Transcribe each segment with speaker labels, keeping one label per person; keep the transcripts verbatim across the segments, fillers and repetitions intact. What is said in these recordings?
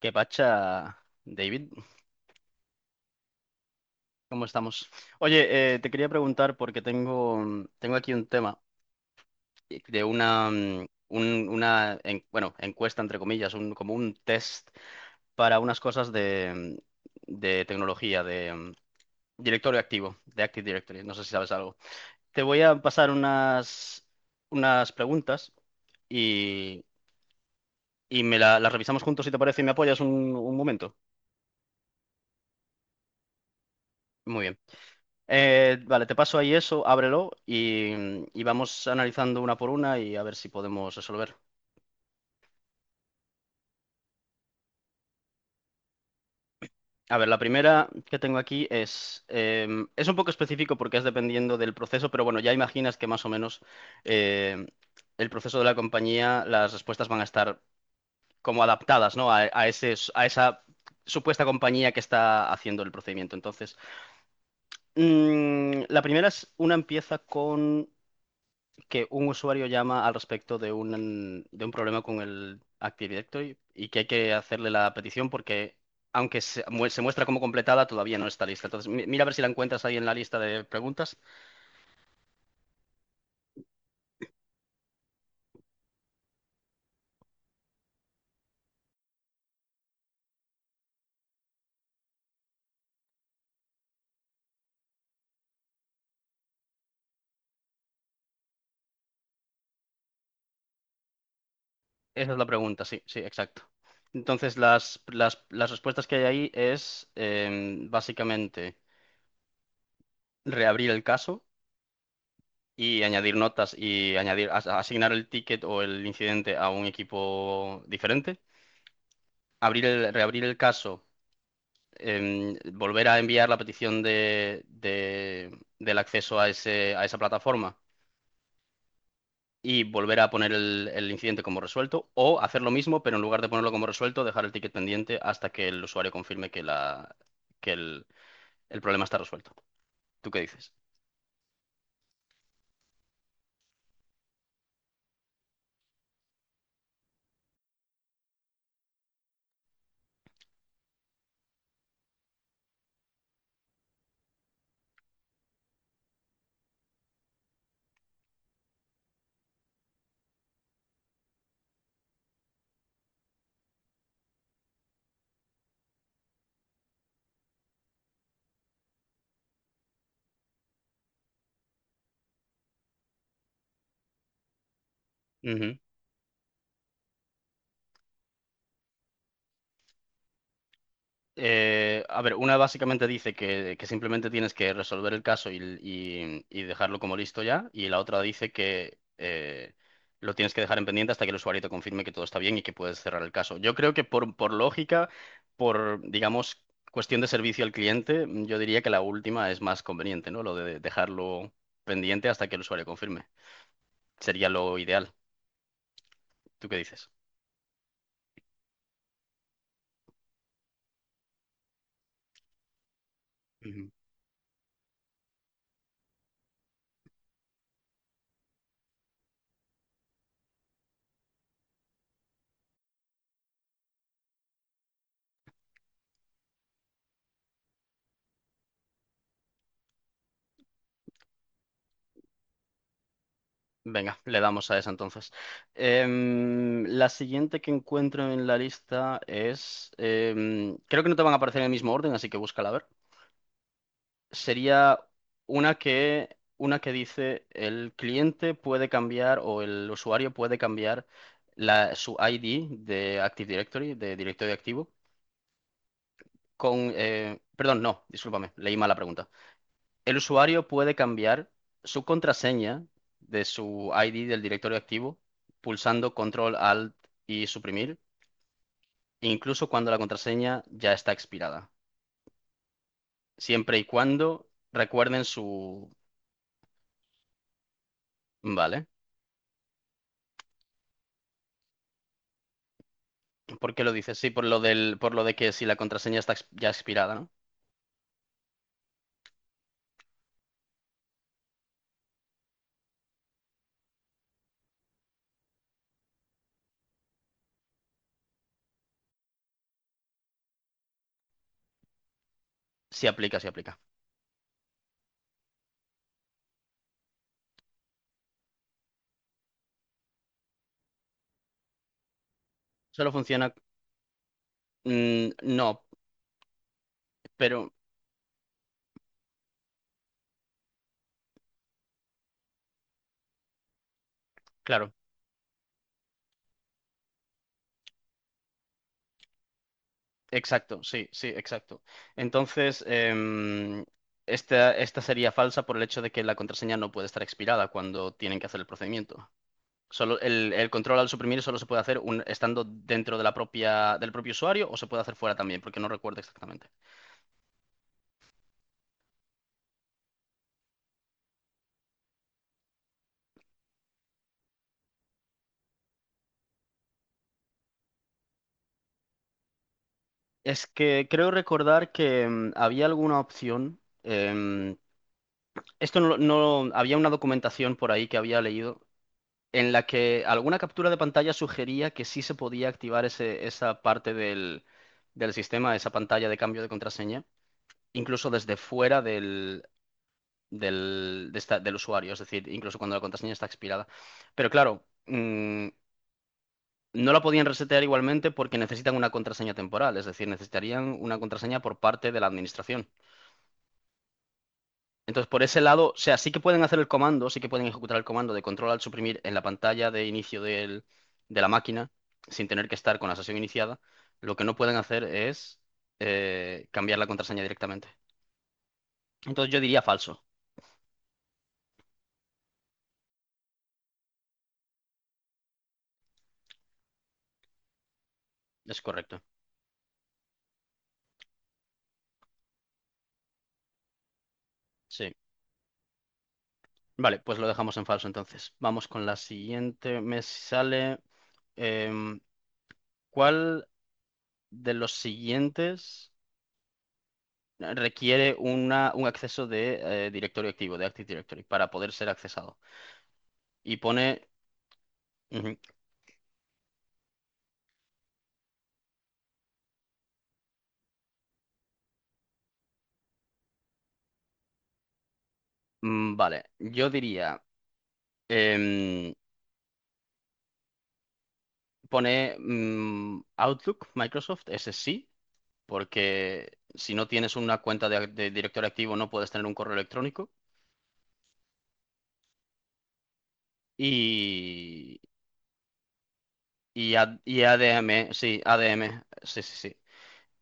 Speaker 1: ¿Qué pacha, David? ¿Cómo estamos? Oye, eh, te quería preguntar porque tengo, mm, tengo aquí un tema de una, mm, un- una en- bueno, encuesta, entre comillas, un, como un test para unas cosas de, mm, de tecnología, de mm, directorio activo, de Active Directory. No sé si sabes algo. Te voy a pasar unas, unas preguntas y, y me la- las revisamos juntos si te parece y me apoyas un un momento. Muy bien. Eh, vale, te paso ahí eso, ábrelo y, y vamos analizando una por una y a ver si podemos resolver. A ver, la primera que tengo aquí es, eh, es un poco específico porque es dependiendo del proceso, pero bueno, ya imaginas que más o menos eh, el proceso de la compañía, las respuestas van a estar como adaptadas, ¿no? A, a ese, a esa supuesta compañía que está haciendo el procedimiento. Entonces, mm, la primera es, una empieza con que un usuario llama al respecto de un, de un problema con el Active Directory y que hay que hacerle la petición porque, aunque se, mu- se muestra como completada, todavía no está lista. Entonces, mi- mira a ver si la encuentras ahí en la lista de preguntas. Esa es la pregunta, sí, sí, exacto. Entonces, las, las, las respuestas que hay ahí es eh, básicamente reabrir el caso y añadir notas y añadir, as- asignar el ticket o el incidente a un equipo diferente, abrir el, reabrir el caso em, volver a enviar la petición de, de- del acceso a ese, a esa plataforma y volver a poner el, el incidente como resuelto, o hacer lo mismo, pero en lugar de ponerlo como resuelto, dejar el ticket pendiente hasta que el usuario confirme que, la, que el, el problema está resuelto. ¿Tú qué dices? Ujú. Eh, a ver, una básicamente dice que, que simplemente tienes que resolver el caso y, y- y dejarlo como listo ya, y la otra dice que eh, lo tienes que dejar en pendiente hasta que el usuario te confirme que todo está bien y que puedes cerrar el caso. Yo creo que por, por lógica, por, digamos, cuestión de servicio al cliente, mm, yo diría que la última es más conveniente, ¿no? Lo de dejarlo pendiente hasta que el usuario confirme. Sería lo ideal. ¿Tú qué dices? Venga, le damos a esa entonces. Em, la siguiente que encuentro en la lista es, em, creo que no te van a aparecer en el mismo orden, así que búscala a ver. Sería una que, una que dice el cliente puede cambiar o el usuario puede cambiar la, su I D de Active Directory, de directorio activo, con, eh, perdón, no, discúlpame, leí mal la pregunta. El usuario puede cambiar su contraseña de su I D del directorio activo pulsando Control Alt y suprimir, incluso cuando la contraseña ya está expirada. Siempre y cuando recuerden su... Vale. ¿Por qué lo dices? Sí, por lo del, por lo de que si la contraseña está ex- ya expirada, ¿no? Sí aplica, sí aplica. Solo funciona... mm, no, pero claro. Exacto, sí, sí, exacto. Entonces, em, esta, esta sería falsa por el hecho de que la contraseña no puede estar expirada cuando tienen que hacer el procedimiento. Solo el, el control al suprimir solo se puede hacer un- estando dentro de la propia, del propio usuario o se puede hacer fuera también, porque no recuerdo exactamente. Es que creo recordar que em, había alguna opción. em, esto no, lo- no había una documentación por ahí que había leído en la que alguna captura de pantalla sugería que sí se podía activar ese- esa parte del, del sistema, esa pantalla de cambio de contraseña, incluso desde fuera del, del, de esta- del usuario, es decir, incluso cuando la contraseña está expirada. Pero claro, mm, no la podían resetear igualmente porque necesitan una contraseña temporal, es decir, necesitarían una contraseña por parte de la administración. Entonces, por ese lado, o sea, sí que pueden hacer el comando, sí que pueden ejecutar el comando de control al suprimir en la pantalla de inicio del- de la máquina, sin tener que estar con la sesión iniciada. Lo que no pueden hacer es eh, cambiar la contraseña directamente. Entonces, yo diría falso. Es correcto. Sí. Vale, pues lo dejamos en falso entonces. Vamos con la siguiente. Me sale. em, ¿cuál de los siguientes requiere una, un acceso de eh, directorio activo, de Active Directory, para poder ser accesado? Y pone. Ujú. Mm, Vale, yo diría, em, pone mm, Outlook, Microsoft, ese sí, porque si no tienes una cuenta de, de directorio activo no puedes tener un correo electrónico. Y, y, A- y A D M, sí, A D M, sí, sí, sí.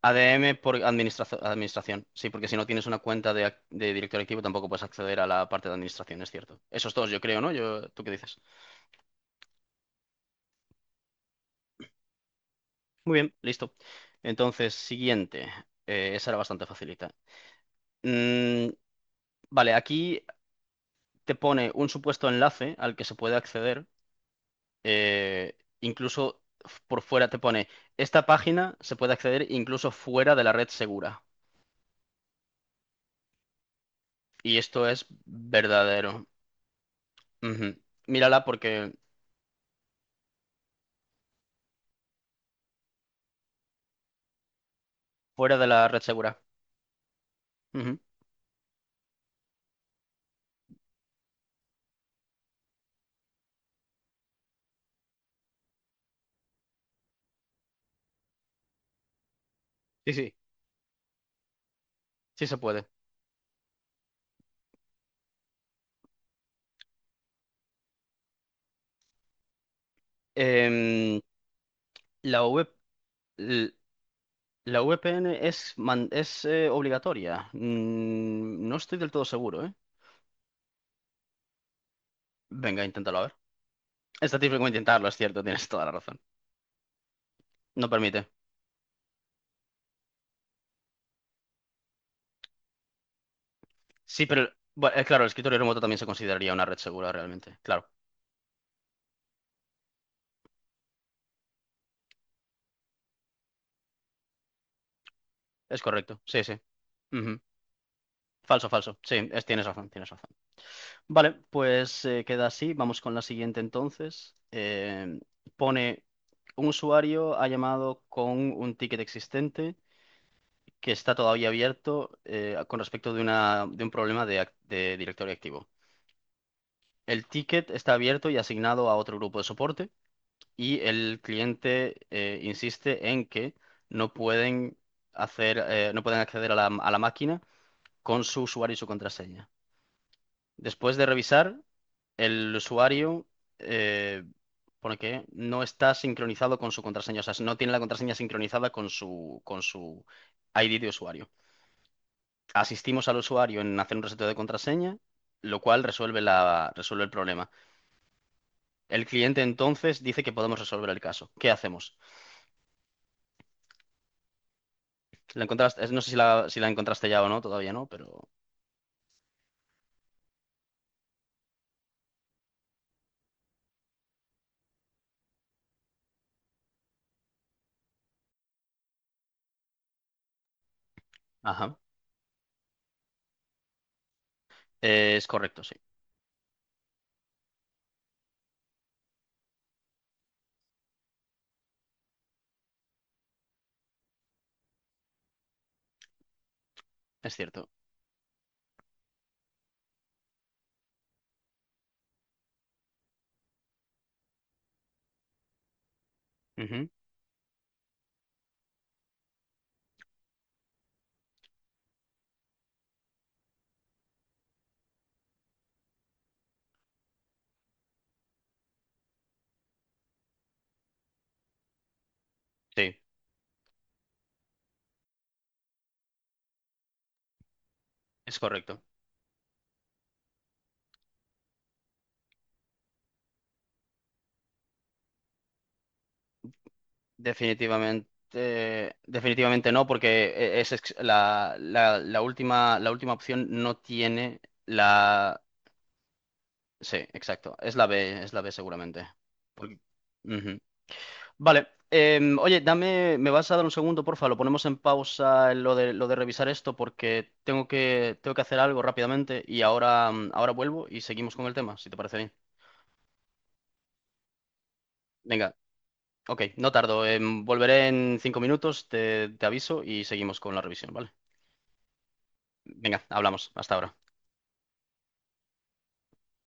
Speaker 1: A D M por administra- administración, sí, porque si no tienes una cuenta de, ac- de directorio activo tampoco puedes acceder a la parte de administración, es cierto. Esos dos, yo creo, ¿no? Yo, ¿tú qué dices? Muy bien, listo. Entonces, siguiente. Eh, esa era bastante facilita. Mm, vale, aquí te pone un supuesto enlace al que se puede acceder. eh, incluso f- por fuera te pone, esta página se puede acceder incluso fuera de la red segura. Y esto es verdadero. Ujú. Mírala porque fuera de la red segura. Ujú. Sí, sí, sí se puede. Em, la V- l- la V P N es, man- es eh, obligatoria. Mm, no estoy del todo seguro, ¿eh? Venga, inténtalo a ver. Esta tiene que intentarlo, es cierto, tienes toda la razón. No permite. Sí, pero bueno, eh, claro, el escritorio remoto también se consideraría una red segura realmente. Claro, es correcto. Sí, sí. Ujú. Falso, falso. Sí, es- tienes razón, tienes razón. Vale, pues eh, queda así. Vamos con la siguiente entonces. Eh, pone, un usuario ha llamado con un ticket existente que está todavía abierto eh, con respecto de, una, de un problema de, ac- de directorio activo. El ticket está abierto y asignado a otro grupo de soporte. Y el cliente eh, insiste en que no pueden hacer, eh, no pueden acceder a la, a la máquina con su usuario y su contraseña. Después de revisar, el usuario eh, pone que no está sincronizado con su contraseña, o sea, no tiene la contraseña sincronizada con su, con su I D de usuario. Asistimos al usuario en hacer un reseteo de contraseña, lo cual resuelve la, resuelve el problema. El cliente entonces dice que podemos resolver el caso. ¿Qué hacemos? La encontraste, es- no sé si la, si la encontraste ya o no, todavía no, pero... Ajá. Eh, es correcto, sí. Es cierto. Ujú, sí, es correcto. Definitivamente, definitivamente no, porque eh, es ex- la, la, la última, la última opción no tiene la... Sí, exacto. Es la B, es la B seguramente. Porque- ujú. Vale. Em, oye, dame, me vas a dar un segundo, porfa, lo ponemos en pausa en lo de, lo de revisar esto porque tengo que, tengo que hacer algo rápidamente y ahora, mm, ahora vuelvo y seguimos con el tema, si te parece bien. Venga, ok, no tardo, em, volveré en cinco minutos, te, te aviso y seguimos con la revisión, ¿vale? Venga, hablamos, hasta ahora.